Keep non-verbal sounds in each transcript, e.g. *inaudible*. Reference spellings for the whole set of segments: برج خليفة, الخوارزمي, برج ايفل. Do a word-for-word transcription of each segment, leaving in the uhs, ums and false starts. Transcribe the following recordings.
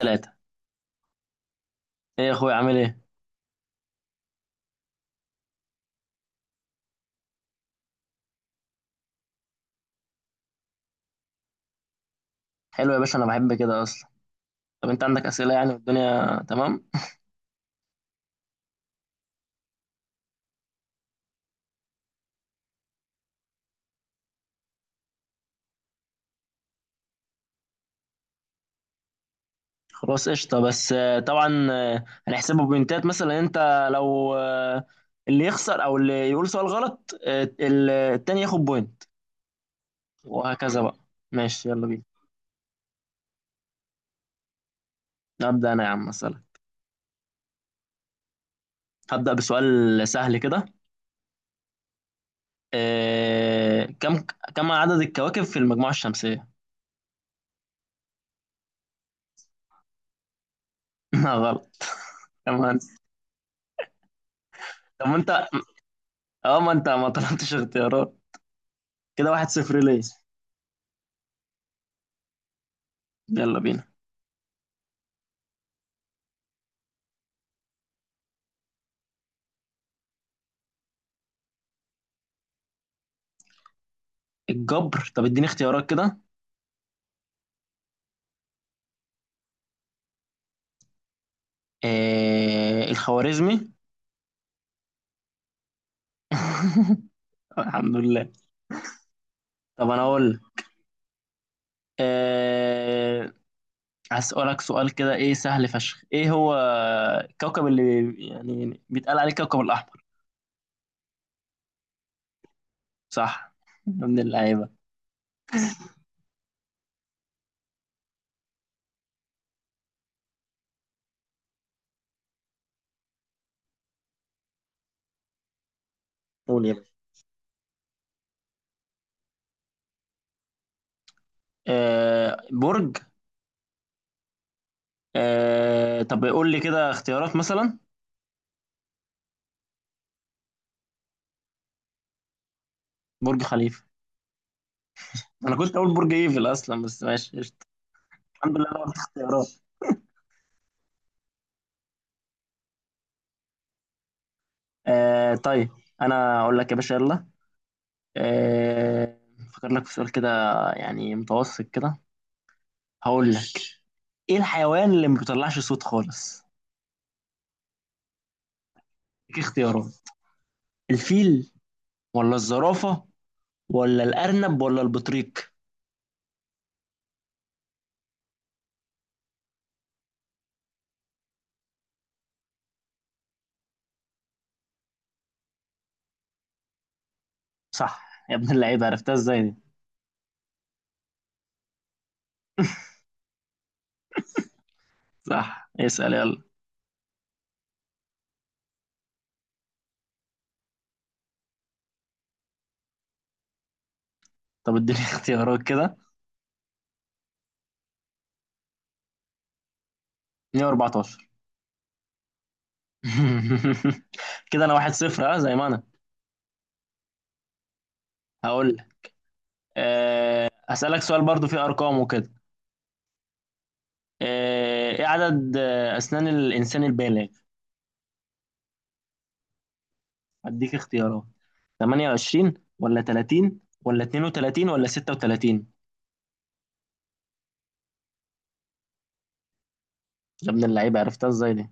ثلاثة. ايه يا اخويا، عامل ايه؟ حلو يا باشا، انا بحب كده اصلا. طب انت عندك اسئلة يعني والدنيا تمام؟ خلاص قشطة. بس آه، طبعا، آه، هنحسبه بوينتات مثلا. انت لو آه، اللي يخسر او اللي يقول سؤال غلط، آه، ال- التاني ياخد بوينت. وهكذا بقى. ماشي، يلا بينا. هبدأ انا يا عم. مثلا هبدأ بسؤال سهل كده. آه، كم كم عدد الكواكب في المجموعة الشمسية؟ *laughs* لا، غلط. كمان. طب ما انت اه ما انت ما طلبتش اختيارات. كده واحد صفر ليه. يلا بينا. الجبر، طب اديني اختيارات كده. آه الخوارزمي. *laughs* الحمد لله. طب انا اقول لك. آه هسألك سؤال كده، ايه سهل فشخ. ايه هو الكوكب اللي يعني بيتقال عليه الكوكب الاحمر؟ صح. من اللعيبه. قول يا باشا. آه برج. آه طب قول لي كده اختيارات مثلا. برج خليفه. انا كنت اقول برج ايفل اصلا، بس ماشي قشطة. الحمد لله، أنا قلت اختيارات. آه طيب. انا اقول لك يا باشا، يلا. آه، فكر لك في سؤال كده، يعني متوسط كده. هقول لك. ايه الحيوان اللي ما بيطلعش صوت خالص؟ ليك اختيارات: الفيل ولا الزرافة ولا الأرنب ولا البطريق؟ صح يا ابن اللعيبة، عرفتها ازاي دي؟ صح، اسأل يلا. طب اديني *laughs* اختيارات كده. مية واربعتاشر. *laughs* كده انا واحد صفر، اه، زي ما انا هقول لك. أه أسألك سؤال برضو فيه أرقام وكده. آه، ايه عدد آه، أسنان الإنسان البالغ؟ هديك اختيارات: ثمانية وعشرين ولا تلاتين ولا اتنين وتلاتين ولا ستة وتلاتين. يا ابن اللعيبة، عرفتها ازاي دي؟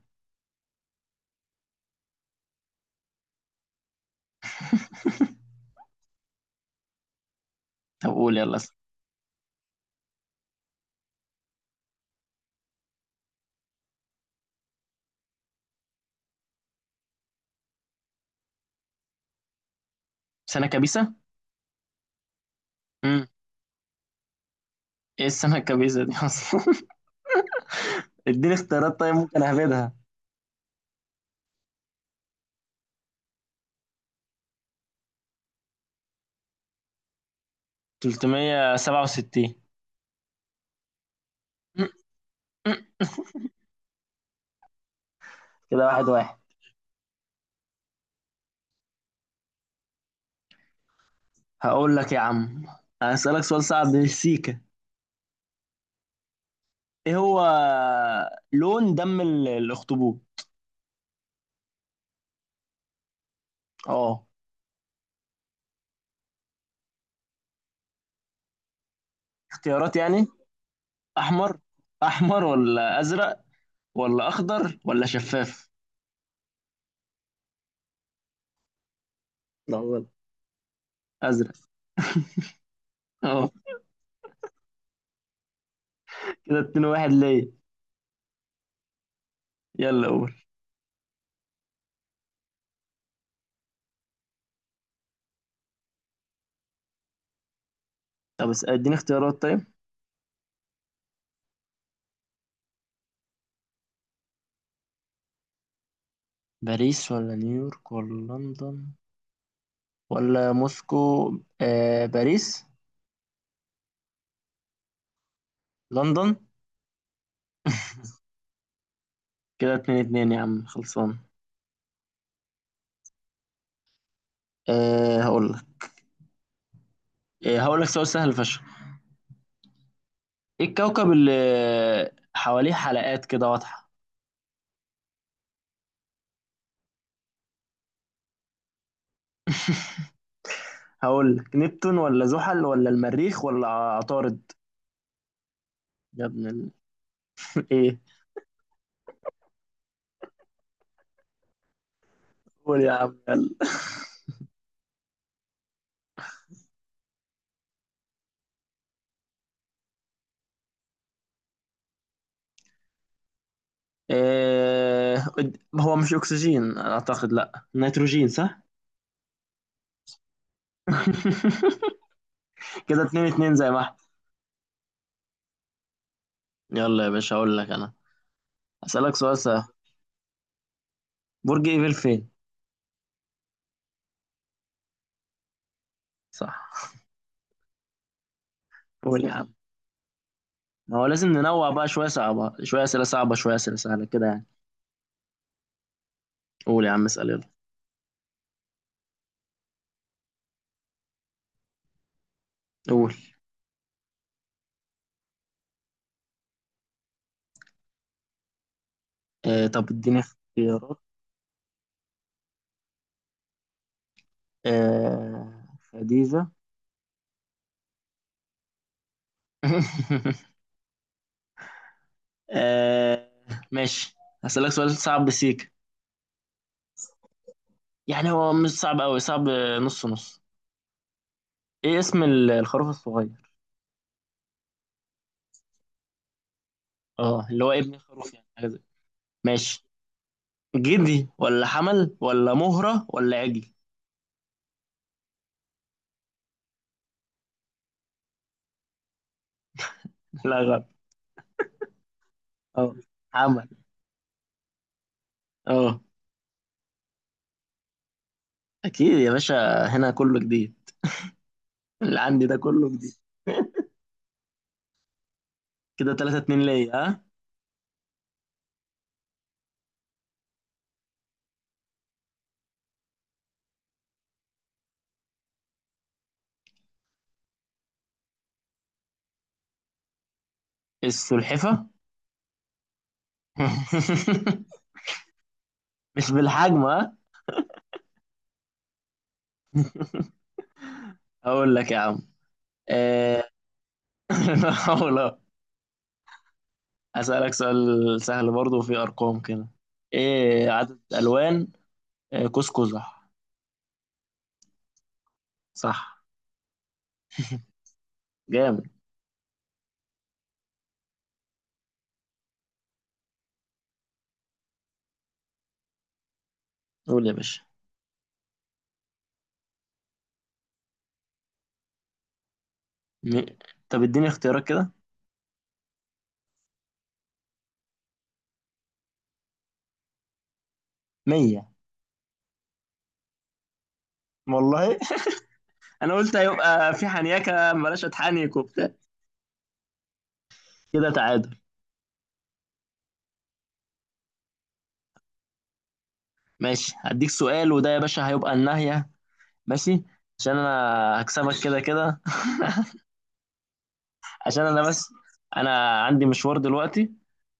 طب قول يلا اسأل. سنة كبيسة. امم ايه السنة الكبيسة دي اصلا؟ *laughs* اديني اختيارات طيب، ممكن اهبدها. تلتمية وسبعة وستين. أمم، أمم. كده واحد واحد. هقول لك يا عم. هسألك سؤال صعب، سيكا. ايه هو لون دم ال- الاخطبوط؟ اه، اختيارات يعني: احمر احمر ولا ازرق ولا اخضر ولا شفاف؟ ازرق. اه. كده اتنين واحد ليا. يلا قول. طب اس- اديني اختيارات طيب. باريس ولا نيويورك ولا لندن ولا موسكو؟ آه باريس. لندن. كده اتنين اتنين يا عم، خلصان. آه هقول لك آه هقول لك سؤال سهل فشخ. ايه الكوكب اللي حواليه حلقات كده واضحة؟ هقول لك: نبتون ولا زحل ولا المريخ ولا عطارد؟ يا ابن ال... *laughs* ايه! قول يا عم، يلا. آه... هو مش اكسجين، اعتقد لا، نيتروجين. صح. *laughs* كده اتنين اتنين زي ما احنا. يلا يا باشا اقول لك انا. اسالك سؤال سهل. برج ايفل فين؟ صح. قول يا عم. ما هو لازم ننوع بقى، شويه صعبه شويه اسئله صعبه شويه اسئله سهله كده يعني. قول يا عم، اسال يلا. قول. آه طب اديني اختيارات. آه خديجه. *laughs* آه ماشي. هسالك سؤال صعب بسيك. يعني هو مش صعب قوي، صعب نص نص. ايه اسم ال- الخروف الصغير؟ اه، اللي هو ابن الخروف يعني، حاجه زي. ماشي. جدي ولا حمل ولا مهرة ولا عجل؟ *laughs* لا، غلط. اه. حمل. اه. اكيد يا باشا، هنا كله جديد. اللي عندي ده كله جديد. كده تلاتة اتنين ليا، ها. السلحفة. *laughs* مش بالحجم، ها. اقول لك يا عم. آه، *laughs* أقول اه، اسالك سؤال سهل برضه وفيه ارقام كده. ايه عدد الوان آه، قوس قزح؟ صح. جامد. قول يا باشا. م- طب اديني اختيارات كده. مئة. والله. *laughs* انا قلت هيبقى في حنيكه، بلاش اتحنك وبتاع. كده تعادل. ماشي، هديك سؤال، وده يا باشا هيبقى النهايه. ماشي. عشان انا هكسبك كده كده. *laughs* عشان انا بس، انا عندي مشوار دلوقتي،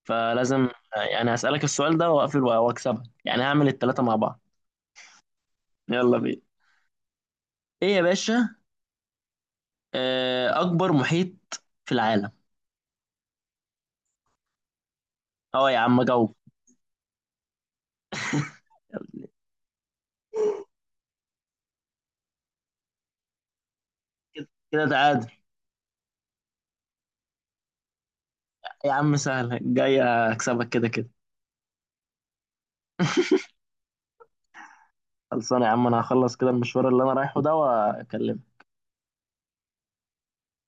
فلازم. يعني هسألك السؤال ده واقفل واكسبك، يعني هعمل التلاتة مع بعض. يلا بينا. ايه يا باشا؟ آه، اكبر محيط في العالم؟ اه يا عم، جاوب. كده كده تعادل. يا عم سهل جاي، اكسبك كده كده. خلصانه يا عم، انا هخلص كده المشوار اللي انا رايحه ده واكلمك.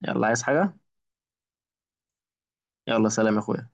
يلا، عايز حاجة؟ يلا، سلام يا اخويا.